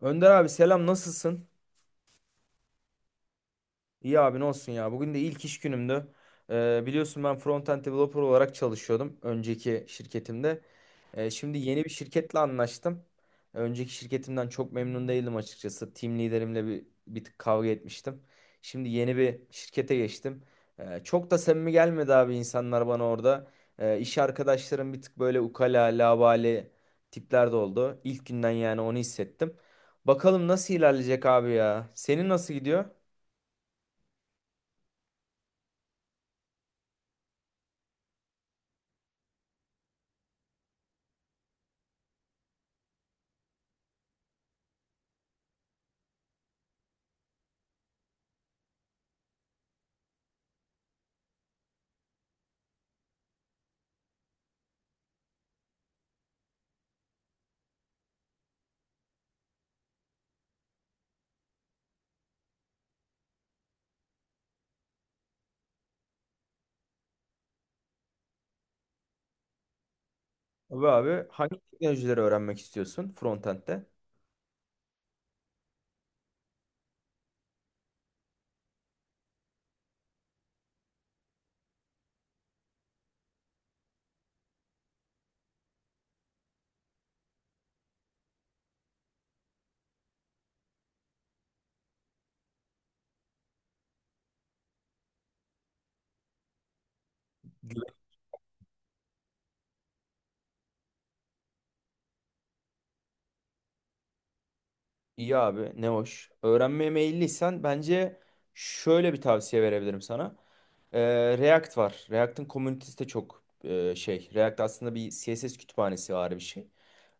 Önder abi selam nasılsın? İyi abi ne olsun ya. Bugün de ilk iş günümdü. Biliyorsun ben front-end developer olarak çalışıyordum önceki şirketimde. Şimdi yeni bir şirketle anlaştım. Önceki şirketimden çok memnun değildim açıkçası. Team liderimle bir tık kavga etmiştim. Şimdi yeni bir şirkete geçtim. Çok da samimi gelmedi abi insanlar bana orada. İş arkadaşlarım bir tık böyle ukala, labale tipler de oldu. İlk günden yani onu hissettim. Bakalım nasıl ilerleyecek abi ya. Senin nasıl gidiyor? Tabii abi hangi teknolojileri öğrenmek istiyorsun frontend'de? İyi abi ne hoş. Öğrenmeye meyilliysen bence şöyle bir tavsiye verebilirim sana. React var. React'ın komünitesi de çok şey. React aslında bir CSS kütüphanesi var bir şey.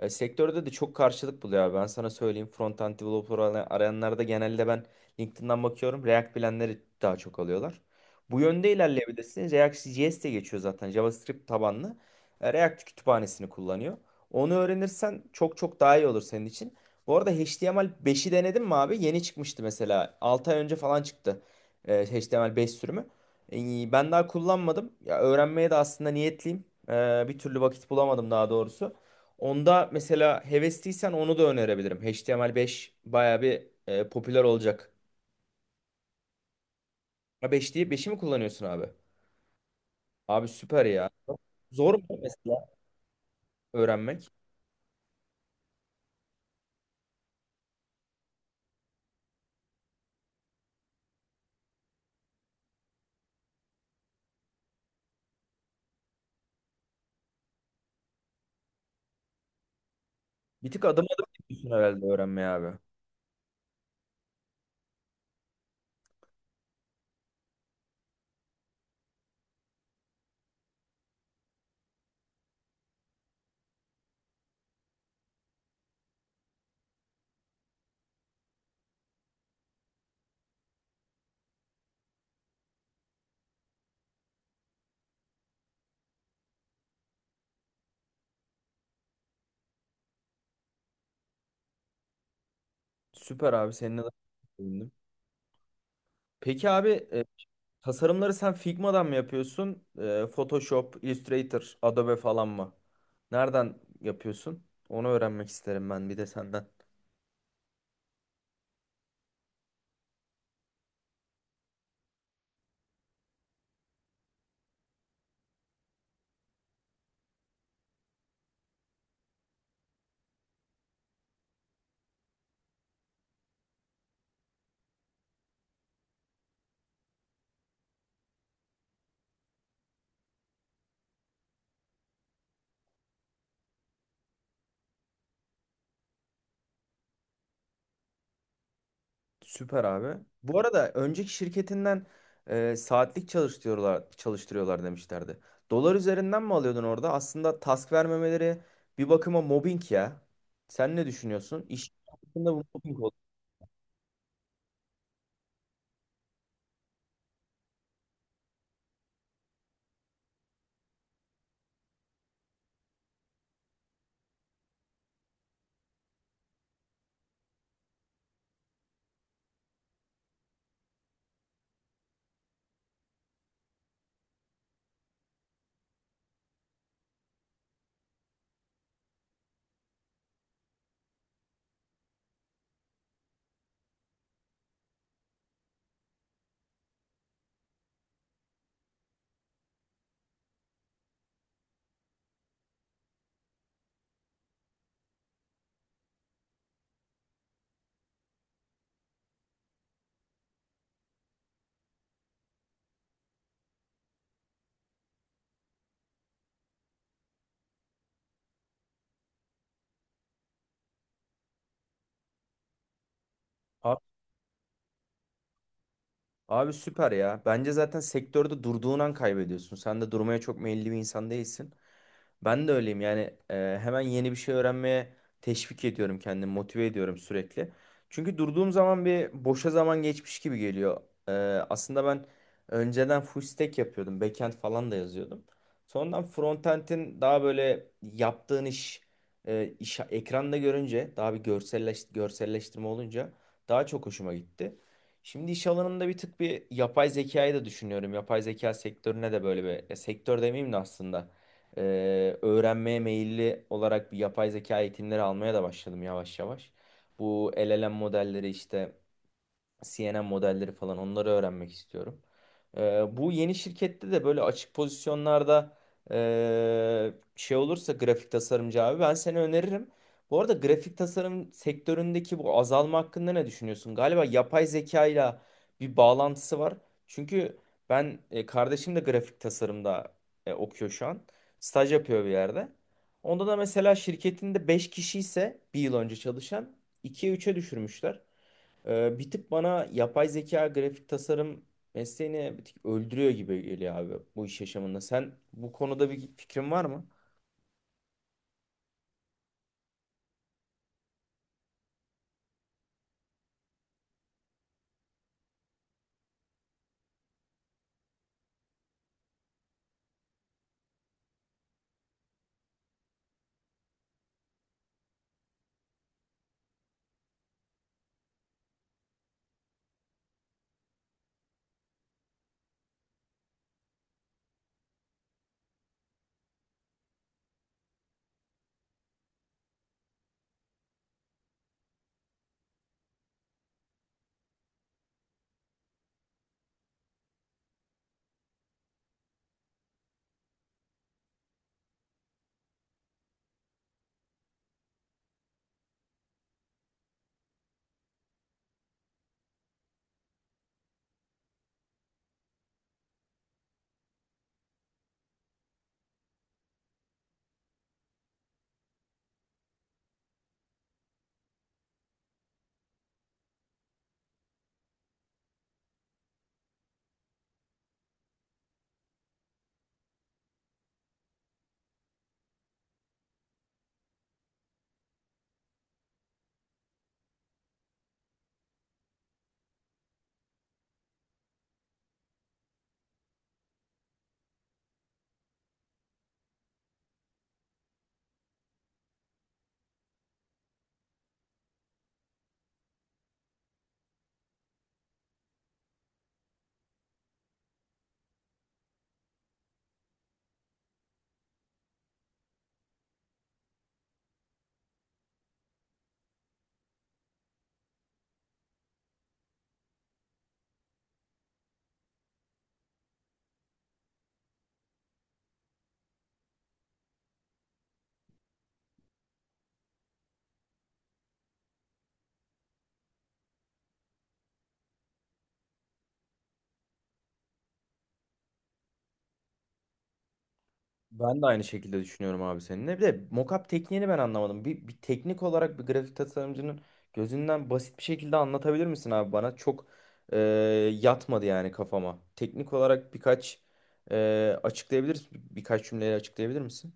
Sektörde de çok karşılık buluyor abi. Ben sana söyleyeyim. Front-end developer arayanlarda genelde ben LinkedIn'den bakıyorum. React bilenleri daha çok alıyorlar. Bu yönde ilerleyebilirsiniz. React.js de geçiyor zaten. JavaScript tabanlı. React kütüphanesini kullanıyor. Onu öğrenirsen çok çok daha iyi olur senin için. Bu arada HTML5'i denedin mi abi? Yeni çıkmıştı mesela. 6 ay önce falan çıktı. HTML5 sürümü. Ben daha kullanmadım. Ya öğrenmeye de aslında niyetliyim. Bir türlü vakit bulamadım daha doğrusu. Onda mesela hevesliysen onu da önerebilirim. HTML5 bayağı bir popüler olacak. Ha 5 değil, 5'i mi kullanıyorsun abi? Abi süper ya. Zor mu mesela öğrenmek? Bir tık adım adım gidiyorsun herhalde öğrenmeye abi. Süper abi seninle de sevindim. Peki abi tasarımları sen Figma'dan mı yapıyorsun? Photoshop, Illustrator, Adobe falan mı? Nereden yapıyorsun? Onu öğrenmek isterim ben bir de senden. Süper abi. Bu arada önceki şirketinden saatlik çalıştırıyorlar demişlerdi. Dolar üzerinden mi alıyordun orada? Aslında task vermemeleri bir bakıma mobbing ya. Sen ne düşünüyorsun? İş hakkında bu mobbing oldu. Abi, abi süper ya. Bence zaten sektörde durduğun an kaybediyorsun. Sen de durmaya çok meyilli bir insan değilsin. Ben de öyleyim yani hemen yeni bir şey öğrenmeye teşvik ediyorum kendimi motive ediyorum sürekli. Çünkü durduğum zaman bir boşa zaman geçmiş gibi geliyor. E, aslında ben önceden full stack yapıyordum backend falan da yazıyordum. Sonradan frontend'in daha böyle yaptığın iş ekranda görünce daha bir görselleştirme olunca daha çok hoşuma gitti. Şimdi iş alanında bir tık bir yapay zekayı da düşünüyorum. Yapay zeka sektörüne de böyle bir ya sektör demeyeyim de aslında öğrenmeye meyilli olarak bir yapay zeka eğitimleri almaya da başladım yavaş yavaş. Bu LLM modelleri işte CNN modelleri falan onları öğrenmek istiyorum. Bu yeni şirkette de böyle açık pozisyonlarda şey olursa grafik tasarımcı abi ben seni öneririm. Bu arada grafik tasarım sektöründeki bu azalma hakkında ne düşünüyorsun? Galiba yapay zeka ile bir bağlantısı var. Çünkü kardeşim de grafik tasarımda okuyor şu an. Staj yapıyor bir yerde. Onda da mesela şirketinde 5 kişi ise bir yıl önce çalışan ikiye üçe düşürmüşler. Bir tık bana yapay zeka grafik tasarım mesleğini bir tık öldürüyor gibi geliyor abi bu iş yaşamında. Sen bu konuda bir fikrin var mı? Ben de aynı şekilde düşünüyorum abi seninle. Bir de mockup tekniğini ben anlamadım. Bir teknik olarak bir grafik tasarımcının gözünden basit bir şekilde anlatabilir misin abi bana? Çok e, yatmadı yani kafama. Teknik olarak e, birkaç cümleyle açıklayabilir misin?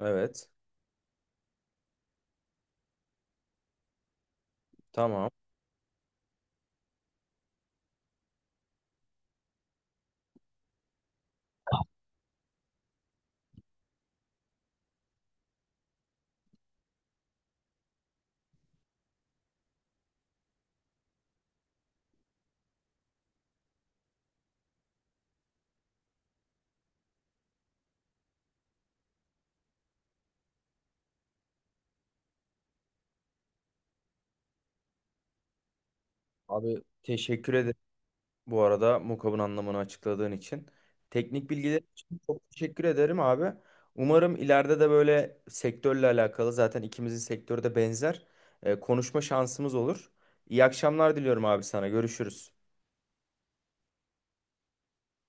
Evet, tamam. Abi teşekkür ederim. Bu arada mukabın anlamını açıkladığın için. Teknik bilgiler için çok teşekkür ederim abi. Umarım ileride de böyle sektörle alakalı zaten ikimizin sektörü de benzer konuşma şansımız olur. İyi akşamlar diliyorum abi sana. Görüşürüz.